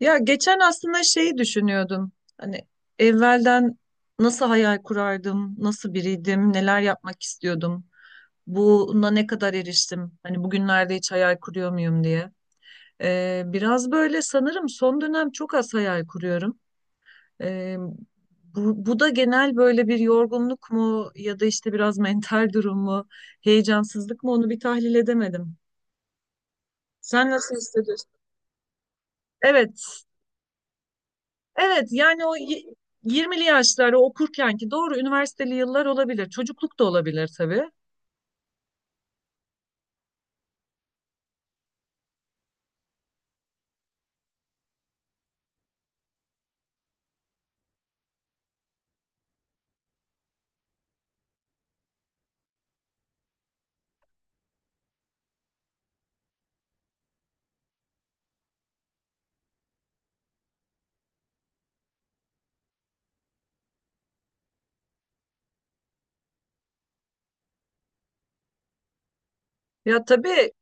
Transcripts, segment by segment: Ya geçen aslında şeyi düşünüyordum. Hani evvelden nasıl hayal kurardım, nasıl biriydim, neler yapmak istiyordum. Buna ne kadar eriştim? Hani bugünlerde hiç hayal kuruyor muyum diye. Biraz böyle sanırım son dönem çok az hayal kuruyorum. Ee, bu da genel böyle bir yorgunluk mu ya da işte biraz mental durum mu, heyecansızlık mı onu bir tahlil edemedim. Sen nasıl hissediyorsun? Evet, evet, yani 20'li yaşlar okurkenki doğru üniversiteli yıllar olabilir. Çocukluk da olabilir tabii. Ya tabii,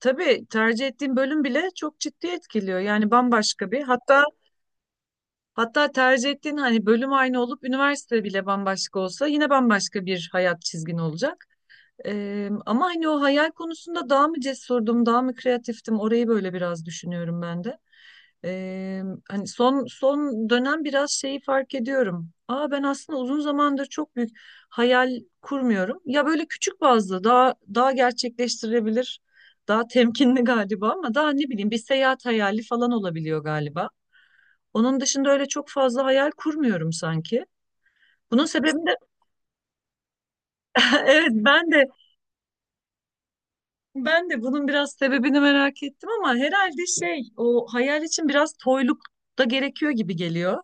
tabii tercih ettiğin bölüm bile çok ciddi etkiliyor. Yani bambaşka bir hatta tercih ettiğin hani bölüm aynı olup üniversite bile bambaşka olsa yine bambaşka bir hayat çizgin olacak. Ama hani o hayal konusunda daha mı cesurdum, daha mı kreatiftim orayı böyle biraz düşünüyorum ben de. Ee, hani son dönem biraz şeyi fark ediyorum. Aa, ben aslında uzun zamandır çok büyük hayal kurmuyorum. Ya böyle küçük bazlı daha gerçekleştirebilir, daha temkinli galiba ama daha ne bileyim bir seyahat hayali falan olabiliyor galiba. Onun dışında öyle çok fazla hayal kurmuyorum sanki. Bunun sebebi de evet, ben de ben de bunun biraz sebebini merak ettim ama herhalde şey, o hayal için biraz toyluk da gerekiyor gibi geliyor.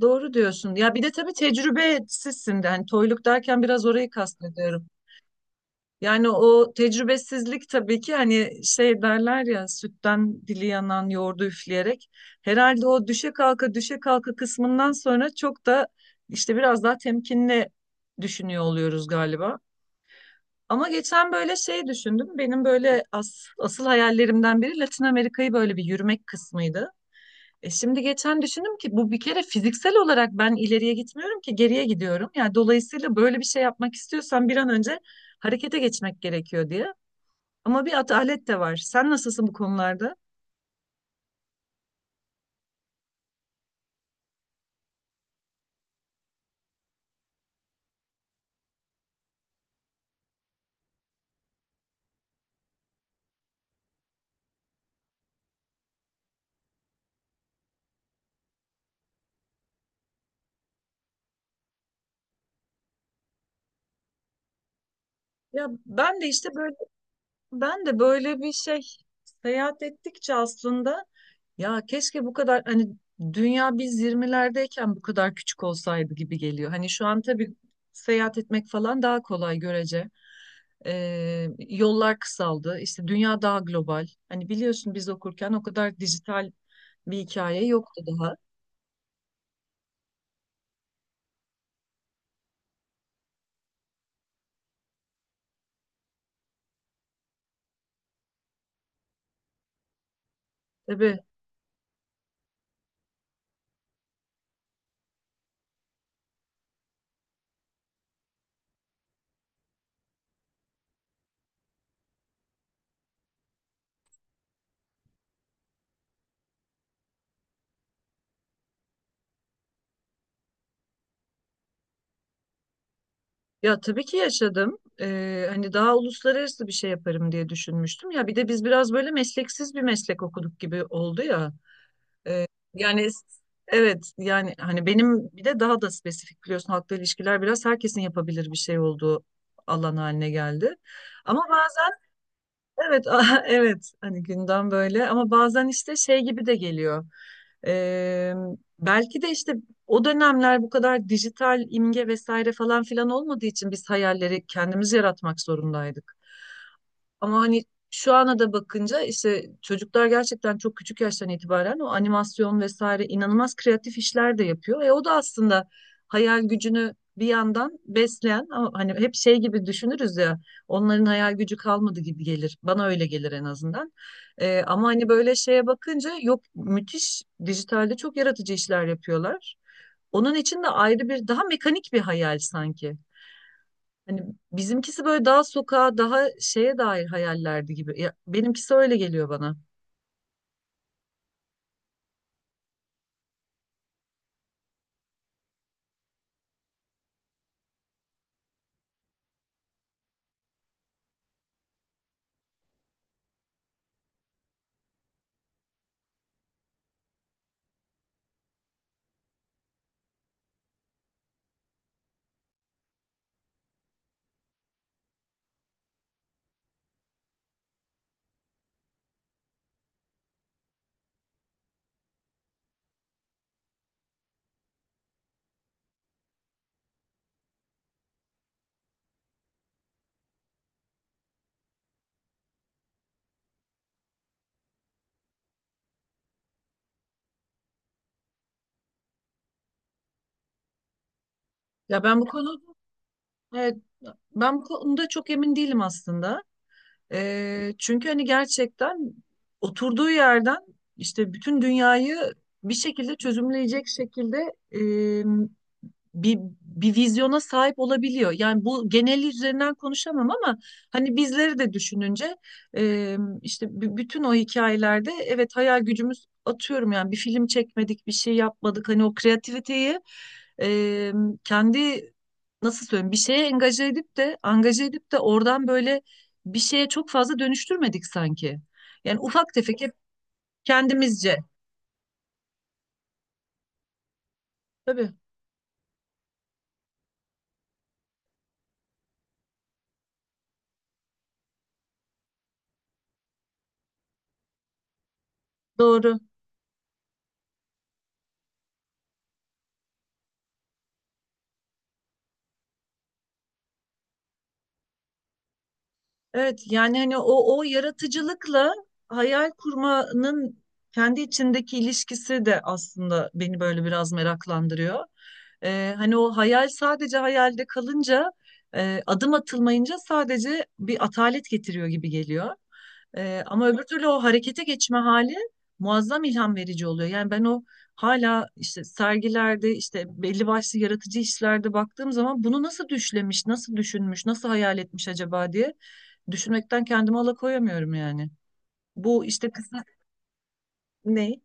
Doğru diyorsun. Ya bir de tabii tecrübesizsin de hani toyluk derken biraz orayı kastediyorum. Yani o tecrübesizlik tabii ki hani şey derler ya, sütten dili yanan yoğurdu üfleyerek. Herhalde o düşe kalka düşe kalka kısmından sonra çok da işte biraz daha temkinli düşünüyor oluyoruz galiba. Ama geçen böyle şey düşündüm. Benim böyle asıl hayallerimden biri Latin Amerika'yı böyle bir yürümek kısmıydı. E şimdi geçen düşündüm ki bu bir kere fiziksel olarak ben ileriye gitmiyorum ki, geriye gidiyorum. Yani dolayısıyla böyle bir şey yapmak istiyorsan bir an önce harekete geçmek gerekiyor diye. Ama bir atalet de var. Sen nasılsın bu konularda? Ya ben de işte böyle, ben de böyle bir şey, seyahat ettikçe aslında ya keşke bu kadar hani dünya biz 20'lerdeyken bu kadar küçük olsaydı gibi geliyor. Hani şu an tabii seyahat etmek falan daha kolay görece. Yollar kısaldı. İşte dünya daha global. Hani biliyorsun biz okurken o kadar dijital bir hikaye yoktu daha. Tabii, ya tabii ki yaşadım. Hani daha uluslararası bir şey yaparım diye düşünmüştüm. Ya bir de biz biraz böyle mesleksiz bir meslek okuduk gibi oldu ya. Yani evet, yani hani benim bir de daha da spesifik biliyorsun, halkla ilişkiler biraz herkesin yapabilir bir şey olduğu alan haline geldi. Ama bazen evet, aha, evet hani gündem böyle, ama bazen işte şey gibi de geliyor. Ee, Belki de işte o dönemler bu kadar dijital imge vesaire falan filan olmadığı için biz hayalleri kendimiz yaratmak zorundaydık. Ama hani şu ana da bakınca işte çocuklar gerçekten çok küçük yaştan itibaren o animasyon vesaire inanılmaz kreatif işler de yapıyor. E o da aslında hayal gücünü bir yandan besleyen, ama hani hep şey gibi düşünürüz ya, onların hayal gücü kalmadı gibi gelir. Bana öyle gelir en azından. E, ama hani böyle şeye bakınca, yok, müthiş dijitalde çok yaratıcı işler yapıyorlar. Onun için de ayrı bir, daha mekanik bir hayal sanki. Hani bizimkisi böyle daha sokağa, daha şeye dair hayallerdi gibi. Ya, benimkisi öyle geliyor bana. Ya ben bu konu, evet, ben bu konuda çok emin değilim aslında. Çünkü hani gerçekten oturduğu yerden işte bütün dünyayı bir şekilde çözümleyecek şekilde bir vizyona sahip olabiliyor. Yani bu geneli üzerinden konuşamam ama hani bizleri de düşününce e, işte bütün o hikayelerde evet hayal gücümüz atıyorum yani, bir film çekmedik, bir şey yapmadık. Hani o kreativiteyi e, kendi, nasıl söyleyeyim, bir şeye engaje edip de angaje edip de oradan böyle bir şeye çok fazla dönüştürmedik sanki. Yani ufak tefek hep kendimizce. Tabii, doğru. Evet yani hani o yaratıcılıkla hayal kurmanın kendi içindeki ilişkisi de aslında beni böyle biraz meraklandırıyor. Hani o hayal sadece hayalde kalınca e, adım atılmayınca sadece bir atalet getiriyor gibi geliyor. Ama öbür türlü o harekete geçme hali muazzam ilham verici oluyor. Yani ben o hala işte sergilerde işte belli başlı yaratıcı işlerde baktığım zaman bunu nasıl düşlemiş, nasıl düşünmüş, nasıl hayal etmiş acaba diye düşünmekten kendimi alıkoyamıyorum yani. Bu işte kısa, ne?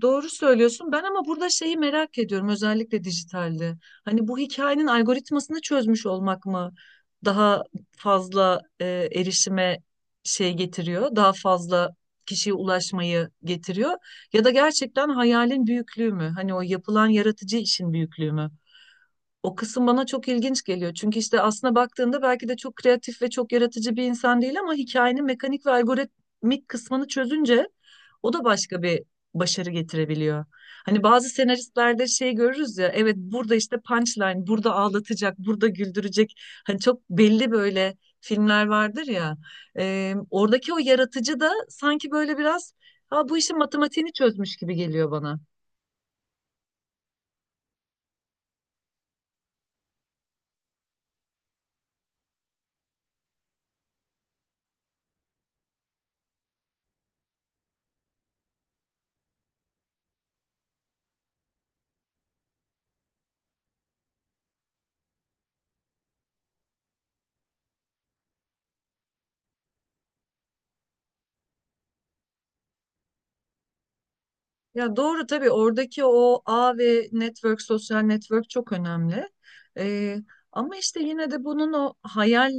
Doğru söylüyorsun. Ben ama burada şeyi merak ediyorum, özellikle dijitalde. Hani bu hikayenin algoritmasını çözmüş olmak mı daha fazla e, erişime şey getiriyor? Daha fazla kişiye ulaşmayı getiriyor? Ya da gerçekten hayalin büyüklüğü mü? Hani o yapılan yaratıcı işin büyüklüğü mü? O kısım bana çok ilginç geliyor. Çünkü işte aslına baktığında belki de çok kreatif ve çok yaratıcı bir insan değil ama hikayenin mekanik ve algoritmik kısmını çözünce o da başka bir başarı getirebiliyor. Hani bazı senaristlerde şey görürüz ya, evet burada işte punchline, burada ağlatacak, burada güldürecek. Hani çok belli böyle filmler vardır ya. Oradaki o yaratıcı da sanki böyle biraz, ha, bu işin matematiğini çözmüş gibi geliyor bana. Ya doğru, tabii oradaki o ağ ve network, sosyal network çok önemli. Ee, Ama işte yine de bunun o hayal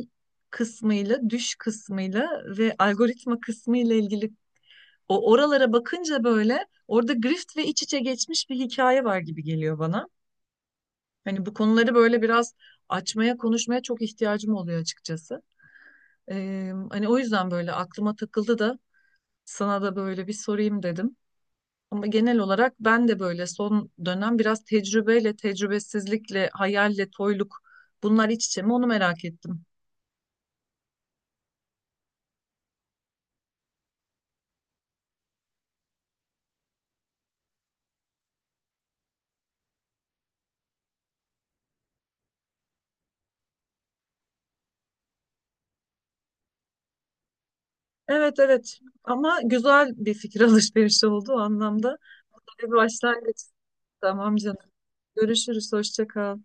kısmıyla, düş kısmıyla ve algoritma kısmıyla ilgili, o oralara bakınca böyle orada grift ve iç içe geçmiş bir hikaye var gibi geliyor bana. Hani bu konuları böyle biraz açmaya, konuşmaya çok ihtiyacım oluyor açıkçası. Hani o yüzden böyle aklıma takıldı da sana da böyle bir sorayım dedim. Ama genel olarak ben de böyle son dönem biraz tecrübeyle, tecrübesizlikle, hayalle, toyluk, bunlar iç içe mi onu merak ettim. Evet, evet, ama güzel bir fikir alışverişi oldu o anlamda. Böyle bir başlangıç. Tamam canım. Görüşürüz. Hoşça kal.